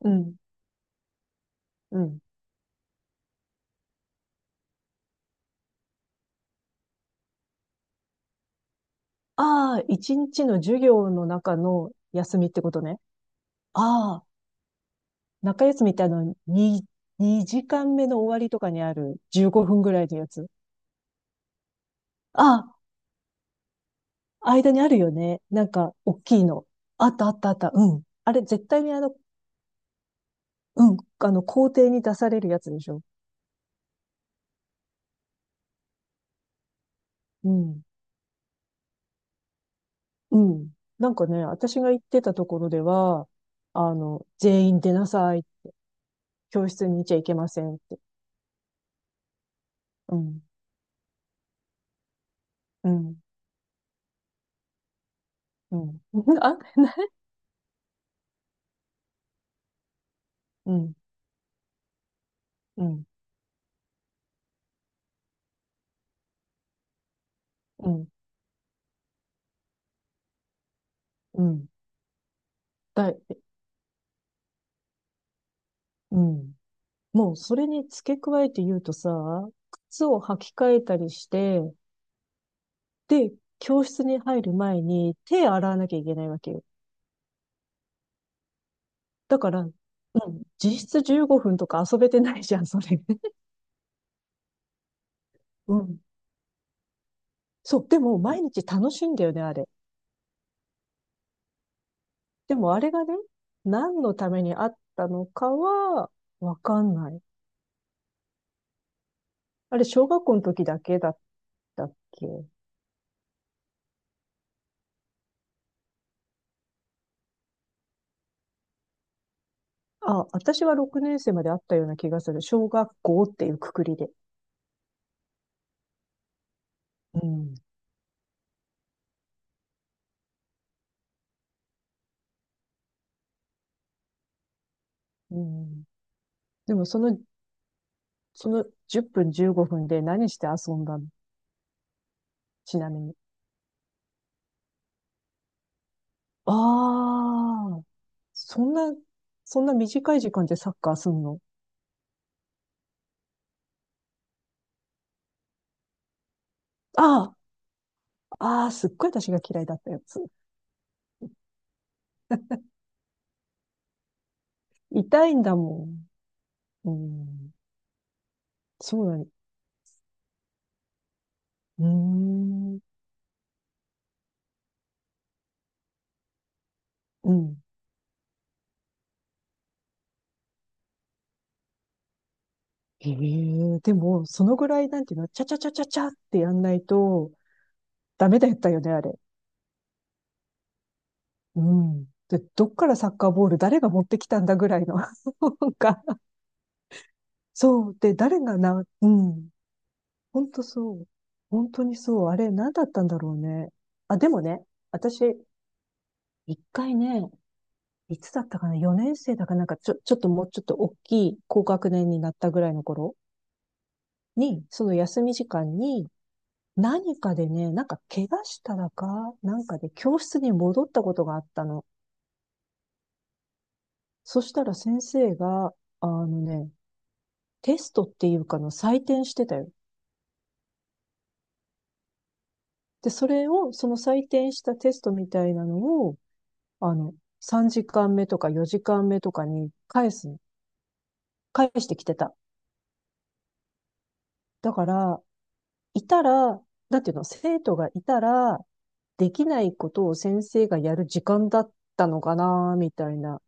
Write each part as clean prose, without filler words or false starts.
うん、うん。ああ、一日の授業の中の休みってことね。ああ、中休みって2時間目の終わりとかにある15分ぐらいのやつ。ああ、間にあるよね。なんか、大きいの。あったあったあった。うん。あれ、絶対にうん、校庭に出されるやつでしょ。うん。うん。なんかね、私が行ってたところでは、全員出なさい。教室にいちゃいけませんって。うん。うん。うん。あ、うん、うん、うん、うん。だい、うん。もうそれに付け加えて言うとさ、靴を履き替えたりして、で、教室に入る前に手洗わなきゃいけないわけよ。だから、うん、実質15分とか遊べてないじゃん、それ。うん。そう、でも毎日楽しいんだよね、あれ。でもあれがね、何のためにあったのかは、わかんない。あれ、小学校の時だけだったっけ？あ、私は6年生まであったような気がする。小学校っていうくくりで。うん。うん。でもその、その10分15分で何して遊んだの？ちなみに。ああ、そんな、そんな短い時間でサッカーすんの？ああ、ああ、すっごい私が嫌いだったやつ。痛いんだもん。うん。そうなの。うーん。うん。ええでも、そのぐらいなんていうの、ちゃちゃちゃちゃちゃってやんないと、ダメだったよね、あれ。うん。で、どっからサッカーボール誰が持ってきたんだぐらいの なんか、そう。で、誰がな、うん。ほんとそう。本当にそう。あれ、何だったんだろうね。あ、でもね、私、一回ね、いつだったかな？ 4 年生だかなんか、ちょっともうちょっと大きい高学年になったぐらいの頃に、その休み時間に、何かでね、なんか怪我したらか、なんかで教室に戻ったことがあったの。そしたら先生が、あのね、テストっていうかの採点してたよ。で、それを、その採点したテストみたいなのを、あの、3時間目とか4時間目とかに返すの。返してきてた。だから、いたら、なんていうの、生徒がいたら、できないことを先生がやる時間だったのかな、みたいな。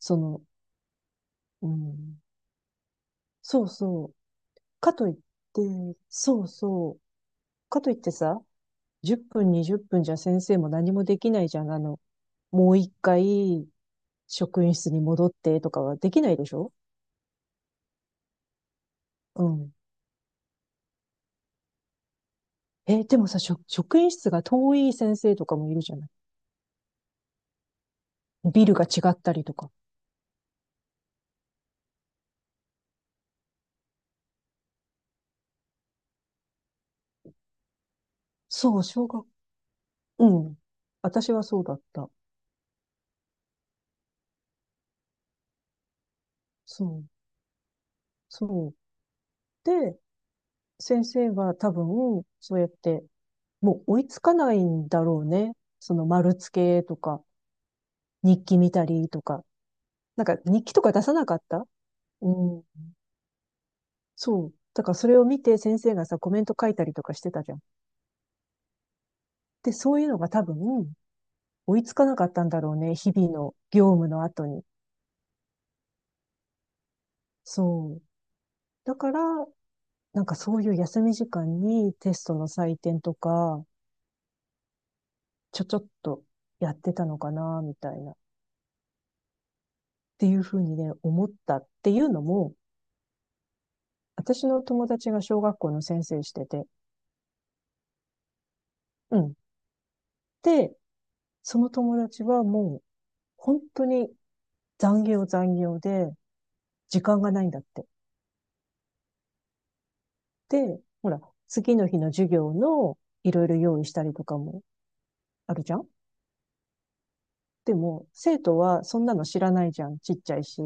その、うん。そうそう。かといって、そうそう。かといってさ、10分、20分じゃ先生も何もできないじゃん。もう一回、職員室に戻ってとかはできないでしょ？うん。え、でもさ、職員室が遠い先生とかもいるじゃない？ビルが違ったりとか。そう、うん。私はそうだった。そう、そう。で、先生は多分、そうやって、もう追いつかないんだろうね。その丸付けとか、日記見たりとか。なんか日記とか出さなかった？うん。そう。だからそれを見て先生がさ、コメント書いたりとかしてたじゃん。で、そういうのが多分、追いつかなかったんだろうね。日々の業務の後に。そう。だから、なんかそういう休み時間にテストの採点とか、ちょっとやってたのかな、みたいな。っていうふうにね、思ったっていうのも、私の友達が小学校の先生してて、うん。で、その友達はもう、本当に残業残業で、時間がないんだって。で、ほら、次の日の授業のいろいろ用意したりとかもあるじゃん。でも、生徒はそんなの知らないじゃん。ちっちゃいし、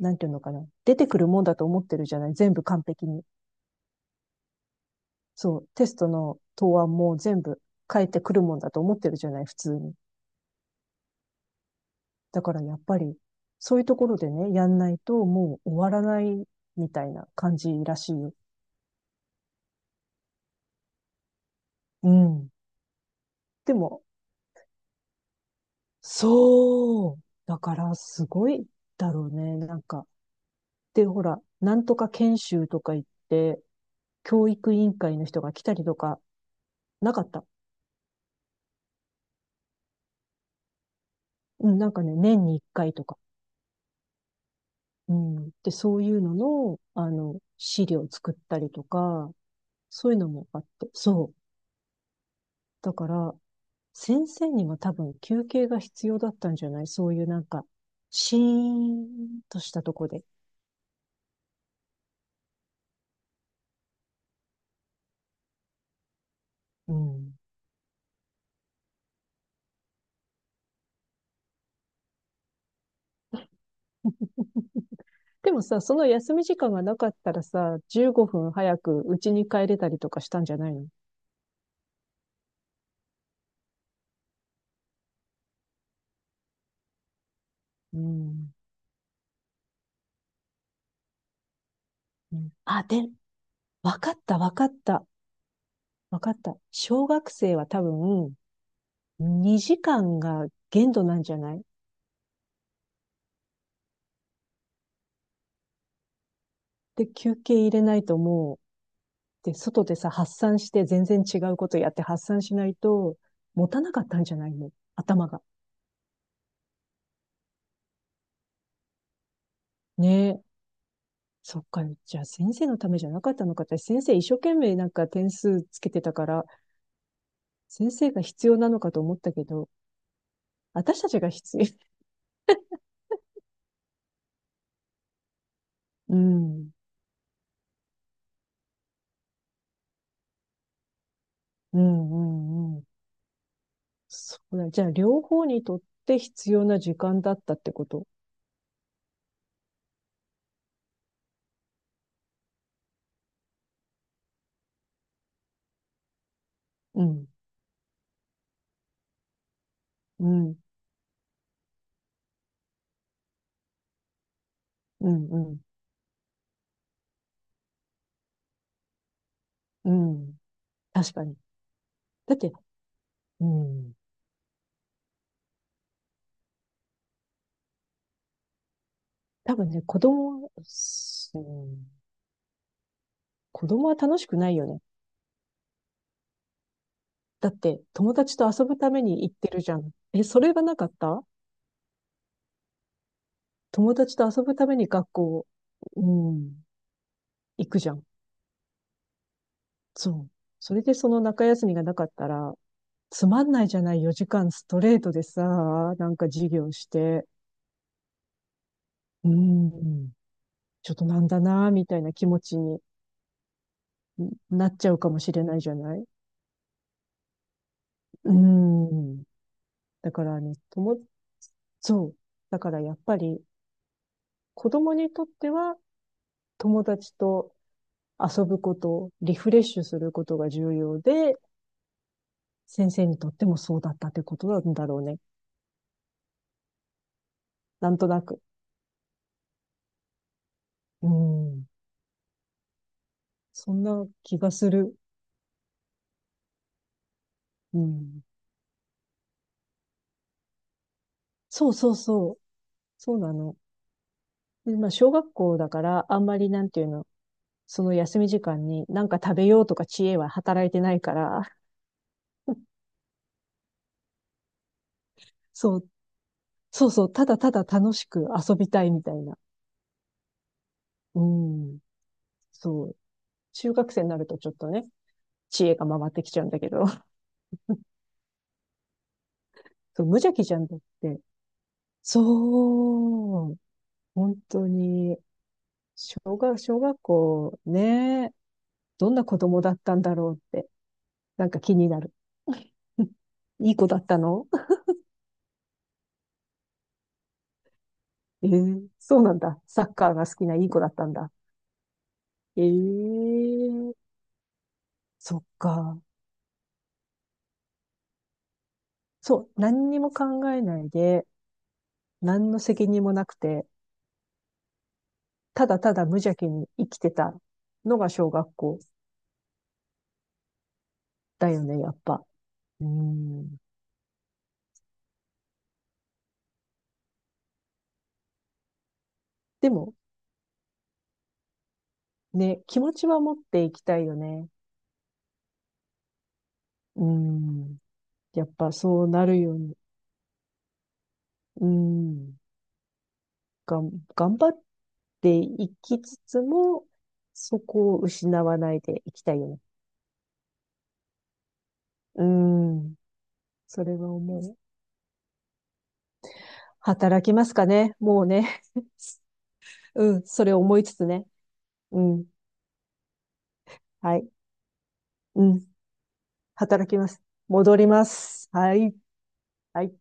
なんていうのかな。出てくるもんだと思ってるじゃない、全部完璧に。そう、テストの答案も全部変えてくるもんだと思ってるじゃない、普通に。だからやっぱり、そういうところでね、やんないともう終わらないみたいな感じらしいよ。うん。でも、そう。だからすごいだろうね。なんか、で、ほら、なんとか研修とか言って、教育委員会の人が来たりとか、なかった。うん、なんかね、年に一回とか。うん。で、そういうのの、資料作ったりとか、そういうのもあって。そう。だから、先生にも多分休憩が必要だったんじゃない？そういうなんか、シーンとしたとこで。うん。でもさ、その休み時間がなかったらさ、15分早く家に帰れたりとかしたんじゃないの？うん。うん、あ、で、わかった、わかった、わかった。小学生は多分、2時間が限度なんじゃない？で、休憩入れないともう、で、外でさ、発散して全然違うことやって発散しないと、持たなかったんじゃないの？頭が。ねえ。そっか、じゃあ先生のためじゃなかったのかって、先生一生懸命なんか点数つけてたから、先生が必要なのかと思ったけど、私たちが必要。うん、うん、うん、うん。そうだね。じゃあ、両方にとって必要な時間だったってこと。うん、うん、うん、うん、うん。確かに。だって、うん。多分ね、子供は、うん、子供は楽しくないよね。だって、友達と遊ぶために行ってるじゃん。え、それがなかった友達と遊ぶために学校、うん、行くじゃん。そう。それでその中休みがなかったら、つまんないじゃない、4時間ストレートでさ、なんか授業して。うん。ちょっとなんだな、みたいな気持ちになっちゃうかもしれないじゃない。うん。だからね、友、そう。だからやっぱり子供にとっては友達と遊ぶこと、リフレッシュすることが重要で、先生にとってもそうだったってことなんだろうね。なんとなく。うん。そんな気がする。うん。そうそうそう。そうなの。でまあ、小学校だから、あんまりなんていうの、その休み時間に何か食べようとか知恵は働いてないから、そう、そうそう、ただただ楽しく遊びたいみたいな。うん、そう。中学生になるとちょっとね、知恵が回ってきちゃうんだけど、そう無邪気じゃんだって。そう、本当に、小学校ね、どんな子供だったんだろうって、なんか気になる。いい子だったの？ ええ、そうなんだ。サッカーが好きないい子だったんだ。ええ、そっか。そう、何にも考えないで、何の責任もなくて、ただただ無邪気に生きてたのが小学校だよね、やっぱ。うん。でも、ね、気持ちは持っていきたいよね。うん。やっぱそうなるように。うん。頑張っていきつつも、そこを失わないでいきたいよね。うん。それは思う。働きますかね。もうね。うん。それを思いつつね。うん。はい。うん。働きます。戻ります。はい。はい。